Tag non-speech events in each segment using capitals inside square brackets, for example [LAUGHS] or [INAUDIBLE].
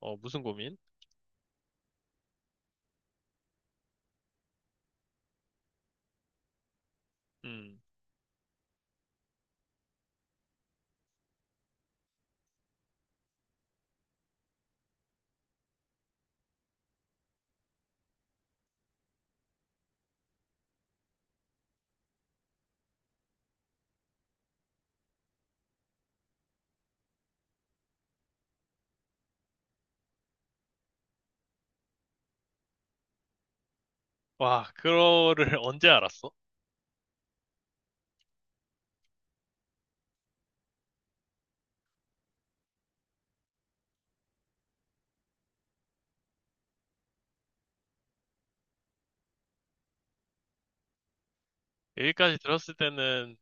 어, 무슨 고민? 음. 와, 그거를 [LAUGHS] 언제 알았어? 여기까지 들었을 때는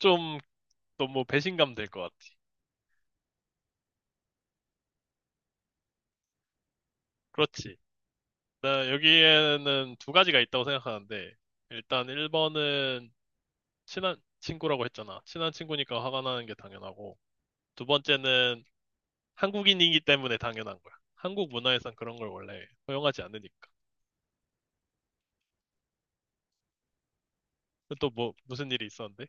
좀 너무 배신감 될 것 같아. 그렇지. 나 여기에는 두 가지가 있다고 생각하는데, 일단 1번은 친한 친구라고 했잖아. 친한 친구니까 화가 나는 게 당연하고, 두 번째는 한국인이기 때문에 당연한 거야. 한국 문화에선 그런 걸 원래 허용하지 않으니까. 또 뭐, 무슨 일이 있었는데?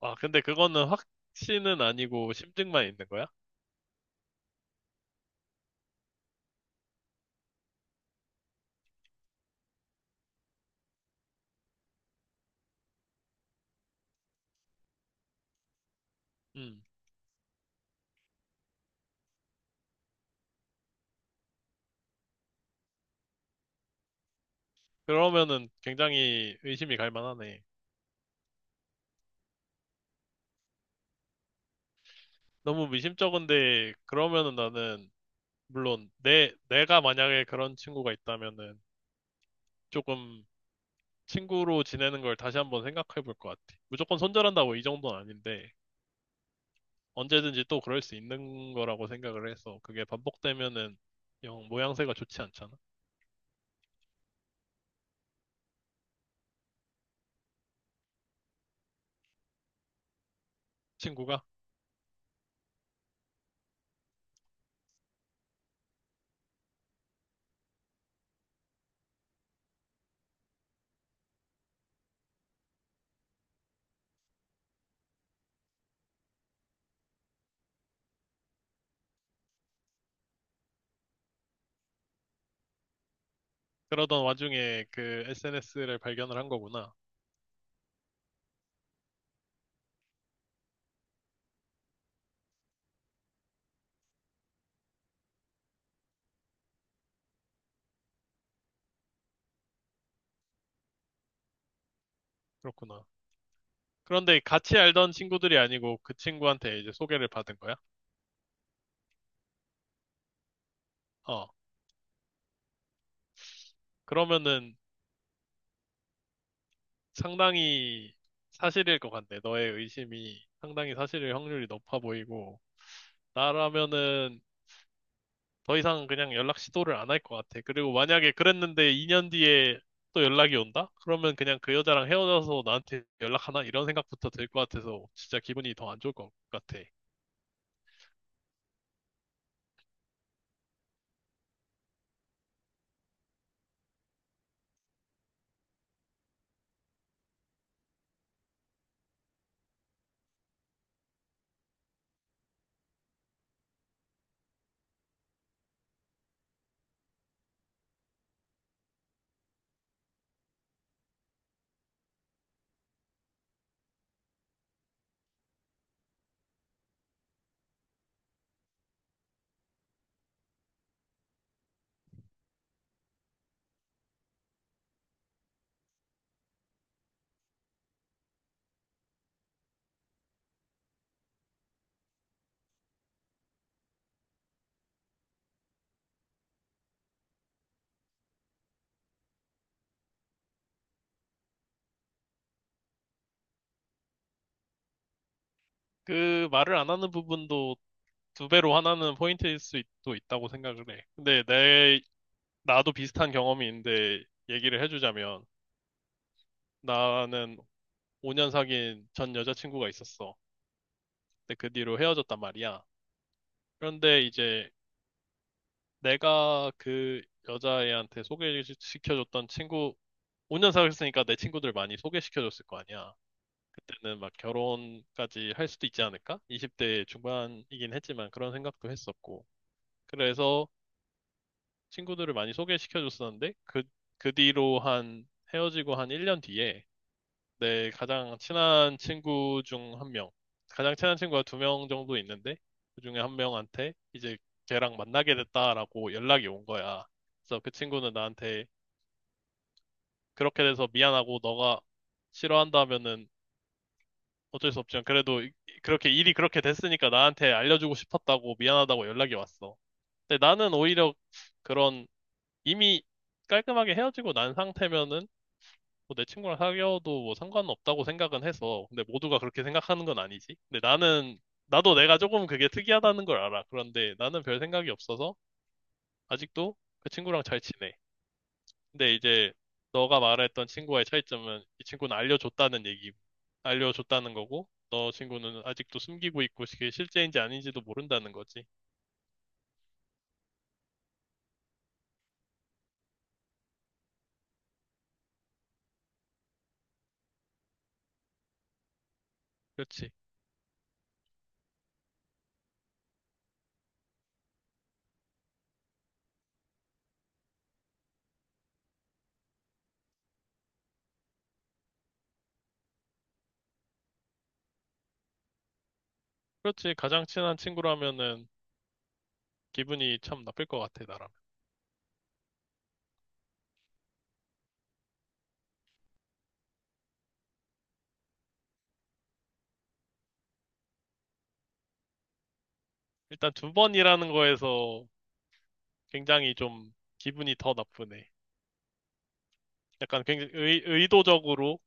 아, 근데 그거는 확신은 아니고 심증만 있는 거야? 음. 그러면은 굉장히 의심이 갈 만하네. 너무 미심쩍은데, 그러면은 나는, 물론, 내가 만약에 그런 친구가 있다면은, 조금 친구로 지내는 걸 다시 한번 생각해 볼 것 같아. 무조건 손절한다고 이 정도는 아닌데, 언제든지 또 그럴 수 있는 거라고 생각을 해서, 그게 반복되면은, 영 모양새가 좋지 않잖아. 친구가. 그러던 와중에 그 SNS를 발견을 한 거구나. 그렇구나. 그런데 같이 알던 친구들이 아니고 그 친구한테 이제 소개를 받은 거야? 어. 그러면은 상당히 사실일 것 같네. 너의 의심이 상당히 사실일 확률이 높아 보이고, 나라면은 더 이상 그냥 연락 시도를 안 할 것 같아. 그리고 만약에 그랬는데 2년 뒤에 또 연락이 온다? 그러면 그냥 그 여자랑 헤어져서 나한테 연락하나? 이런 생각부터 들 것 같아서 진짜 기분이 더 안 좋을 것 같아. 그 말을 안 하는 부분도 두 배로 하나는 포인트일 수도 있다고 생각을 해. 근데 내, 나도 비슷한 경험이 있는데 얘기를 해주자면, 나는 5년 사귄 전 여자친구가 있었어. 근데 그 뒤로 헤어졌단 말이야. 그런데 이제 내가 그 여자애한테 소개시켜줬던 친구, 5년 사귀었으니까 내 친구들 많이 소개시켜줬을 거 아니야. 그때는 막 결혼까지 할 수도 있지 않을까? 20대 중반이긴 했지만 그런 생각도 했었고. 그래서 친구들을 많이 소개시켜줬었는데 그 뒤로 한 헤어지고 한 1년 뒤에 내 가장 친한 친구 중 한 명. 가장 친한 친구가 두 명 정도 있는데, 그 중에 한 명한테 이제 걔랑 만나게 됐다라고 연락이 온 거야. 그래서 그 친구는 나한테 그렇게 돼서 미안하고 너가 싫어한다면은 어쩔 수 없지만 그래도 이- 그렇게 일이 그렇게 됐으니까 나한테 알려주고 싶었다고 미안하다고 연락이 왔어. 근데 나는 오히려 그런 이미 깔끔하게 헤어지고 난 상태면은 뭐내 친구랑 사귀어도 뭐 상관없다고 생각은 해서. 근데 모두가 그렇게 생각하는 건 아니지. 근데 나는, 나도 내가 조금 그게 특이하다는 걸 알아. 그런데 나는 별 생각이 없어서 아직도 그 친구랑 잘 지내. 근데 이제 너가 말했던 친구와의 차이점은 이 친구는 알려줬다는 얘기, 알려줬다는 거고, 너 친구는 아직도 숨기고 있고 그게 실제인지 아닌지도 모른다는 거지. 그렇지. 그렇지. 가장 친한 친구라면은 기분이 참 나쁠 것 같아, 나라면. 일단 두 번이라는 거에서 굉장히 좀 기분이 더 나쁘네. 약간 굉장히 의도적으로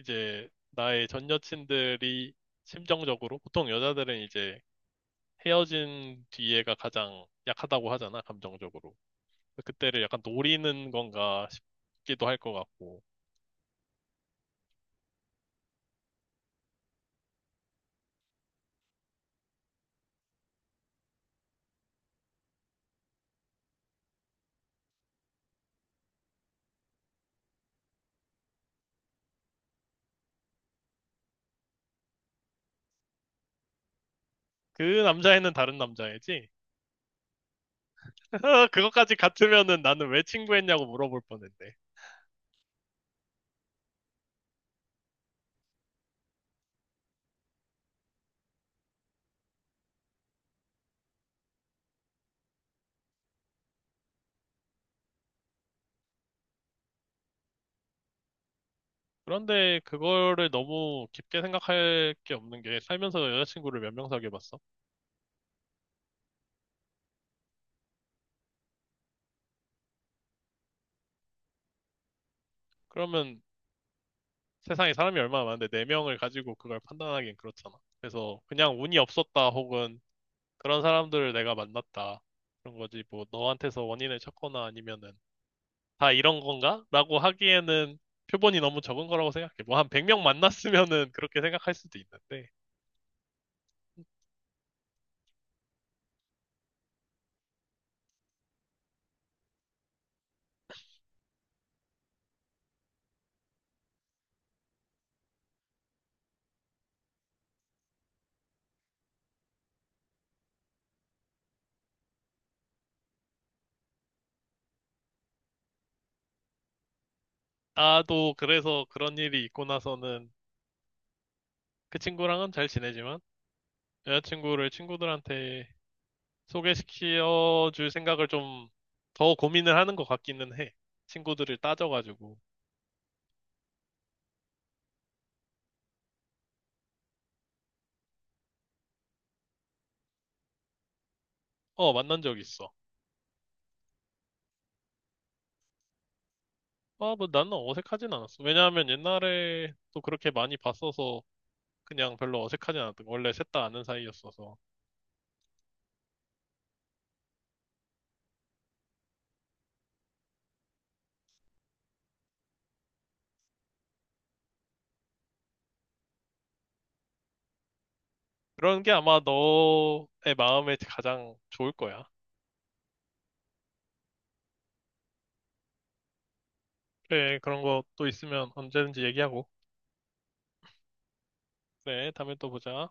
이제 나의 전 여친들이 심정적으로 보통 여자들은 이제 헤어진 뒤에가 가장 약하다고 하잖아, 감정적으로. 그때를 약간 노리는 건가 싶기도 할 것 같고. 그 남자애는 다른 남자애지? [LAUGHS] 그것까지 같으면은 나는 왜 친구했냐고 물어볼 뻔했네. 그런데 그거를 너무 깊게 생각할 게 없는 게 살면서 여자친구를 몇 명 사귀어봤어? 그러면 세상에 사람이 얼마나 많은데 네명을 가지고 그걸 판단하기엔 그렇잖아. 그래서 그냥 운이 없었다 혹은 그런 사람들을 내가 만났다. 그런 거지. 뭐 너한테서 원인을 찾거나 아니면은 다 이런 건가? 라고 하기에는 표본이 너무 적은 거라고 생각해. 뭐 한 100명 만났으면은 그렇게 생각할 수도 있는데. 나도 그래서 그런 일이 있고 나서는 그 친구랑은 잘 지내지만 여자친구를 친구들한테 소개시켜 줄 생각을 좀 더 고민을 하는 것 같기는 해. 친구들을 따져가지고. 어, 만난 적 있어. 아, 뭐 나는 어색하진 않았어. 왜냐하면 옛날에 또 그렇게 많이 봤어서 그냥 별로 어색하진 않았던 거. 원래 셋 다 아는 사이였어서. 그런 게 아마 너의 마음에 가장 좋을 거야. 그래, 그런 것도 있으면 언제든지 얘기하고. 그래, 다음에 또 보자.